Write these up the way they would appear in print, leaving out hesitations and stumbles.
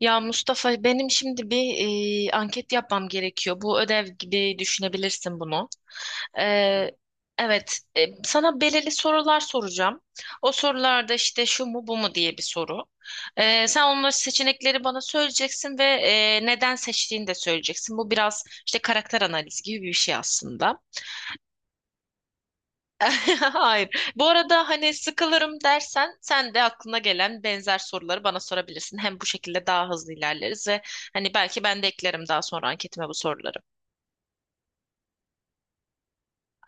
Ya Mustafa benim şimdi bir anket yapmam gerekiyor. Bu ödev gibi düşünebilirsin bunu. Ee, evet, sana belirli sorular soracağım. O sorularda işte şu mu bu mu diye bir soru. Sen onları seçenekleri bana söyleyeceksin ve neden seçtiğini de söyleyeceksin. Bu biraz işte karakter analizi gibi bir şey aslında. Hayır. Bu arada hani sıkılırım dersen sen de aklına gelen benzer soruları bana sorabilirsin. Hem bu şekilde daha hızlı ilerleriz ve hani belki ben de eklerim daha sonra anketime bu soruları.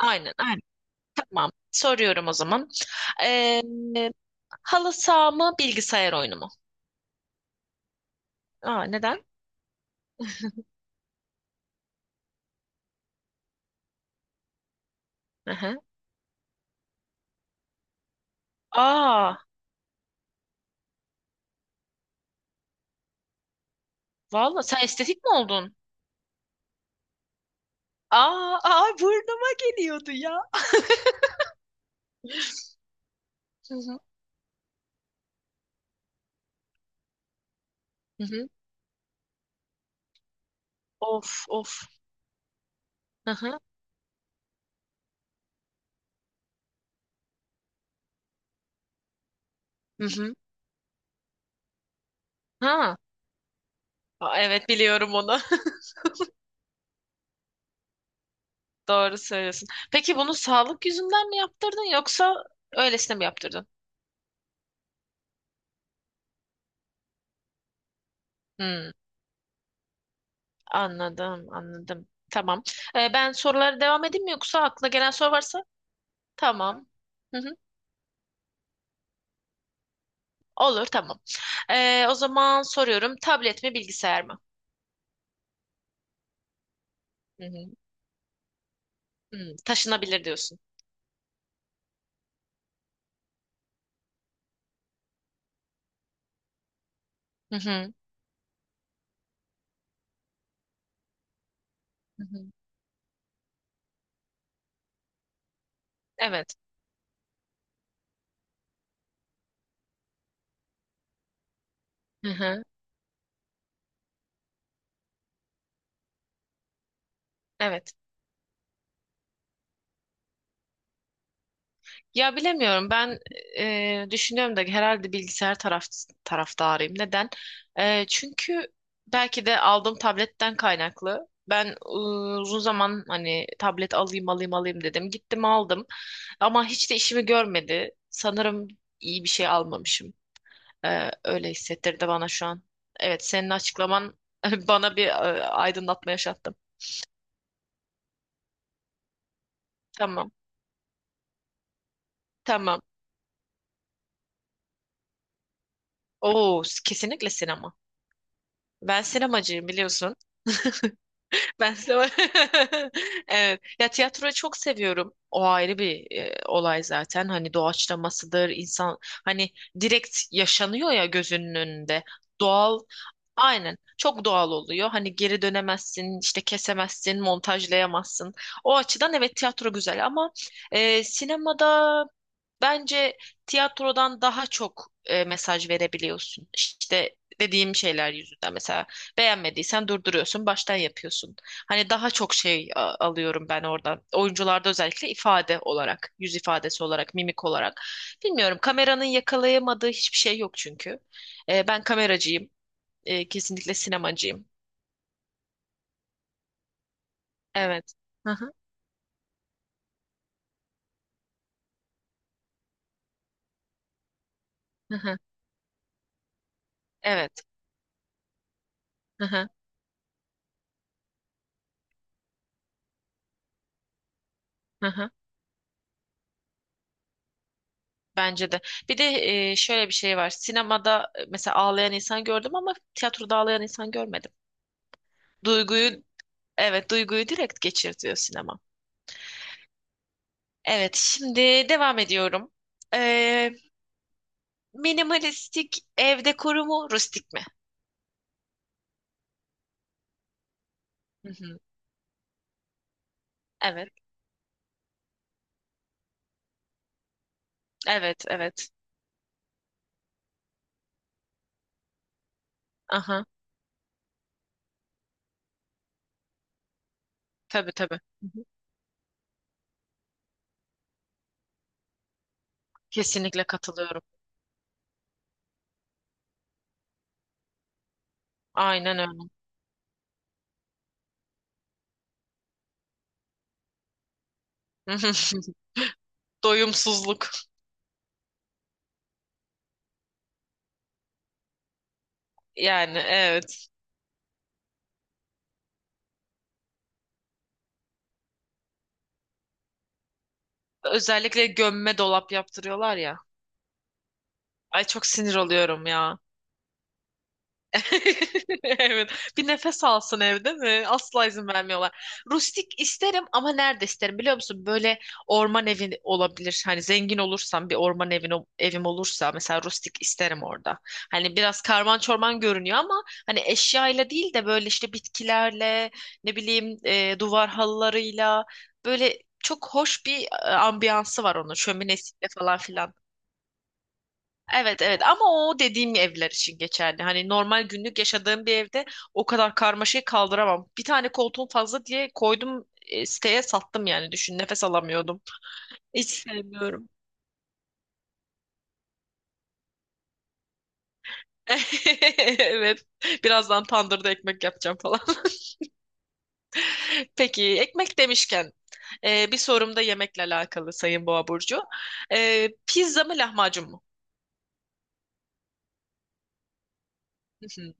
Aynen, aynen. Tamam. Soruyorum o zaman. Ee, halı saha mı, bilgisayar oyunu mu? Aa, neden? Aha. Aa, valla sen estetik mi oldun? Aa, aa burnuma geliyordu ya. Hı hı. Hı hı. Of, of. Hı hı. Hı hı. Ha. Aa, evet biliyorum onu. Doğru söylüyorsun. Peki bunu sağlık yüzünden mi yaptırdın yoksa öylesine mi yaptırdın? Hmm, anladım, anladım. Tamam. Ben sorulara devam edeyim mi yoksa aklına gelen soru varsa? Tamam. Hı hı. Olur, tamam. O zaman soruyorum. Tablet mi, bilgisayar mı? Hı hı. Hmm, taşınabilir diyorsun. Hı hı. Hı hı. Evet. Hı hı. Evet. Ya bilemiyorum ben, düşünüyorum da herhalde bilgisayar taraftarıyım. Neden? Çünkü belki de aldığım tabletten kaynaklı. Ben, uzun zaman hani tablet alayım dedim. Gittim aldım ama hiç de işimi görmedi. Sanırım iyi bir şey almamışım. Öyle hissettirdi bana şu an. Evet senin açıklaman bana bir aydınlatma yaşattı. Tamam, tamam. Oo kesinlikle sinema. Ben sinemacıyım biliyorsun. Ben size... Evet. Ya tiyatroyu çok seviyorum. O ayrı bir olay zaten. Hani doğaçlamasıdır, insan hani direkt yaşanıyor ya gözünün önünde. Doğal Aynen. Çok doğal oluyor. Hani geri dönemezsin, işte kesemezsin, montajlayamazsın. O açıdan evet tiyatro güzel ama sinemada bence tiyatrodan daha çok mesaj verebiliyorsun. İşte dediğim şeyler yüzünden mesela beğenmediysen durduruyorsun, baştan yapıyorsun. Hani daha çok şey alıyorum ben oradan. Oyuncularda özellikle ifade olarak, yüz ifadesi olarak, mimik olarak. Bilmiyorum kameranın yakalayamadığı hiçbir şey yok çünkü. Ben kameracıyım. Kesinlikle sinemacıyım. Evet. Hı hı, hı hı. Evet. Hı hı, hı hı. Bence de. Bir de şöyle bir şey var. Sinemada, mesela ağlayan insan gördüm ama tiyatroda ağlayan insan görmedim. Duyguyu, evet duyguyu direkt geçirtiyor sinema. Evet, şimdi devam ediyorum. Ee, minimalistik ev dekoru mu, rustik mi? Hı hı. Evet, evet, evet. Aha, tabii tabii. Hı hı. Kesinlikle katılıyorum. Aynen öyle. Doyumsuzluk. Yani evet. Özellikle gömme dolap yaptırıyorlar ya. Ay çok sinir oluyorum ya. Evet. Bir nefes alsın evde mi? Asla izin vermiyorlar. Rustik isterim ama nerede isterim biliyor musun? Böyle orman evi olabilir. Hani zengin olursam bir orman evim olursa mesela rustik isterim orada. Hani biraz karman çorman görünüyor ama hani eşyayla değil de böyle işte bitkilerle ne bileyim, duvar halılarıyla böyle çok hoş bir ambiyansı var onun şöminesiyle falan filan. Evet evet ama o dediğim evler için geçerli. Hani normal günlük yaşadığım bir evde o kadar karmaşayı kaldıramam. Bir tane koltuğum fazla diye koydum, siteye sattım yani düşün nefes alamıyordum. Hiç sevmiyorum. Evet. Birazdan tandırda ekmek yapacağım falan. Peki ekmek demişken bir sorum da yemekle alakalı Sayın Boğa Burcu. Pizza mı lahmacun mu? Hı hı.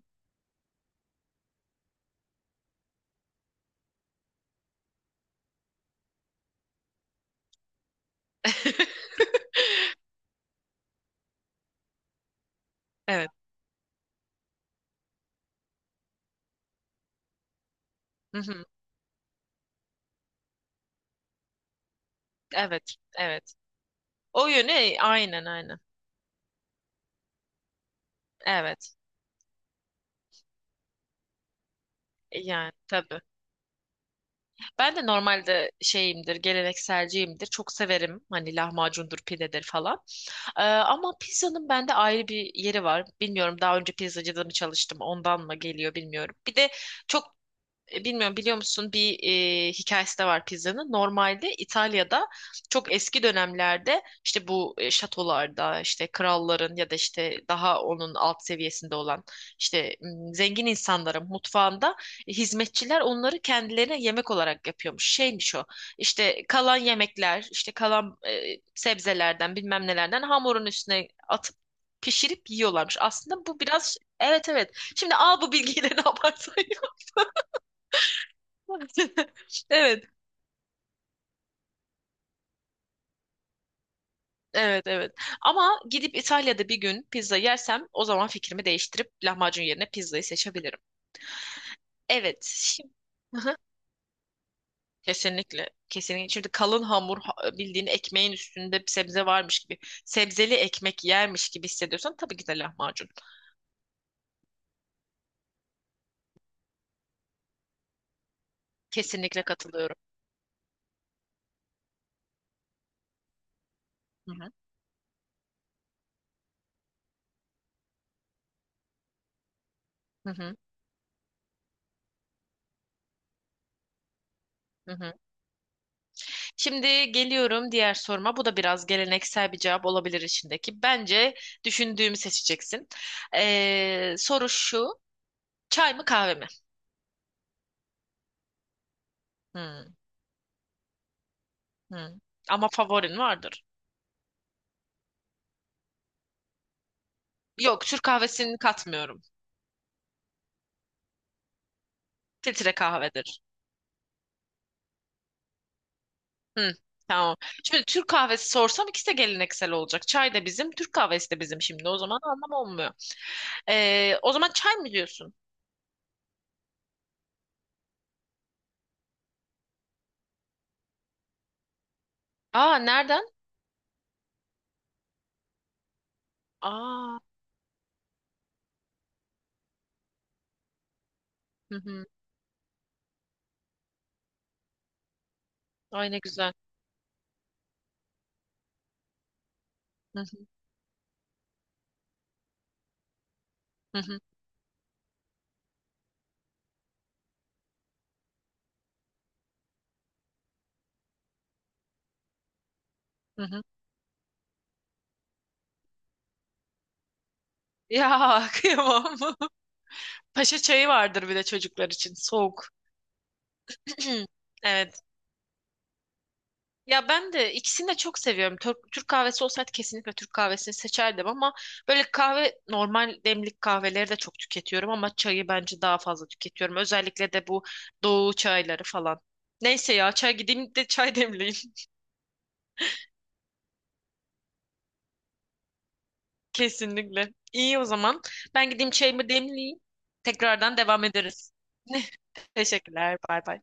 Evet. Hı hı. Evet. Evet. O yönü aynen aynen. Evet. Yani tabii. Ben de normalde şeyimdir, gelenekselciyimdir. Çok severim hani lahmacundur, pidedir falan. Ama pizzanın bende ayrı bir yeri var. Bilmiyorum daha önce pizzacıda mı çalıştım ondan mı geliyor bilmiyorum. Bir de çok, bilmiyorum biliyor musun bir hikayesi de var pizzanın. Normalde İtalya'da çok eski dönemlerde işte bu, şatolarda işte kralların ya da işte daha onun alt seviyesinde olan işte, zengin insanların mutfağında hizmetçiler onları kendilerine yemek olarak yapıyormuş. Şeymiş o işte kalan yemekler işte kalan, sebzelerden bilmem nelerden hamurun üstüne atıp pişirip yiyorlarmış. Aslında bu biraz evet evet. Şimdi al bu bilgiyi ne yaparsan Evet, evet, evet. Ama gidip İtalya'da bir gün pizza yersem o zaman fikrimi değiştirip lahmacun yerine pizzayı seçebilirim. Evet, şimdi kesinlikle, kesinlikle. Şimdi kalın hamur bildiğin ekmeğin üstünde bir sebze varmış gibi, sebzeli ekmek yermiş gibi hissediyorsan tabii ki de lahmacun. Kesinlikle katılıyorum. Hı hı, hı hı, hı hı. Şimdi geliyorum diğer soruma. Bu da biraz geleneksel bir cevap olabilir içindeki. Bence düşündüğümü seçeceksin. Soru şu. Çay mı kahve mi? Hmm, hmm. Ama favorin vardır. Yok, Türk kahvesini katmıyorum. Filtre kahvedir. Hmm, tamam. Şimdi Türk kahvesi sorsam ikisi de geleneksel olacak. Çay da bizim, Türk kahvesi de bizim şimdi. O zaman anlam olmuyor. O zaman çay mı diyorsun? Aa, nereden? Aa, hı hı. Ay ne güzel. Hı hı hı hı. hı. Ya kıyamam. Paşa çayı vardır bir de çocuklar için. Soğuk. Evet. Ya ben de ikisini de çok seviyorum. Türk kahvesi olsaydı kesinlikle Türk kahvesini seçerdim ama böyle kahve normal demlik kahveleri de çok tüketiyorum ama çayı bence daha fazla tüketiyorum. Özellikle de bu doğu çayları falan. Neyse ya çay gideyim de çay demleyeyim kesinlikle. İyi o zaman. Ben gideyim çayımı demleyeyim. Tekrardan devam ederiz. Teşekkürler. Bay bay.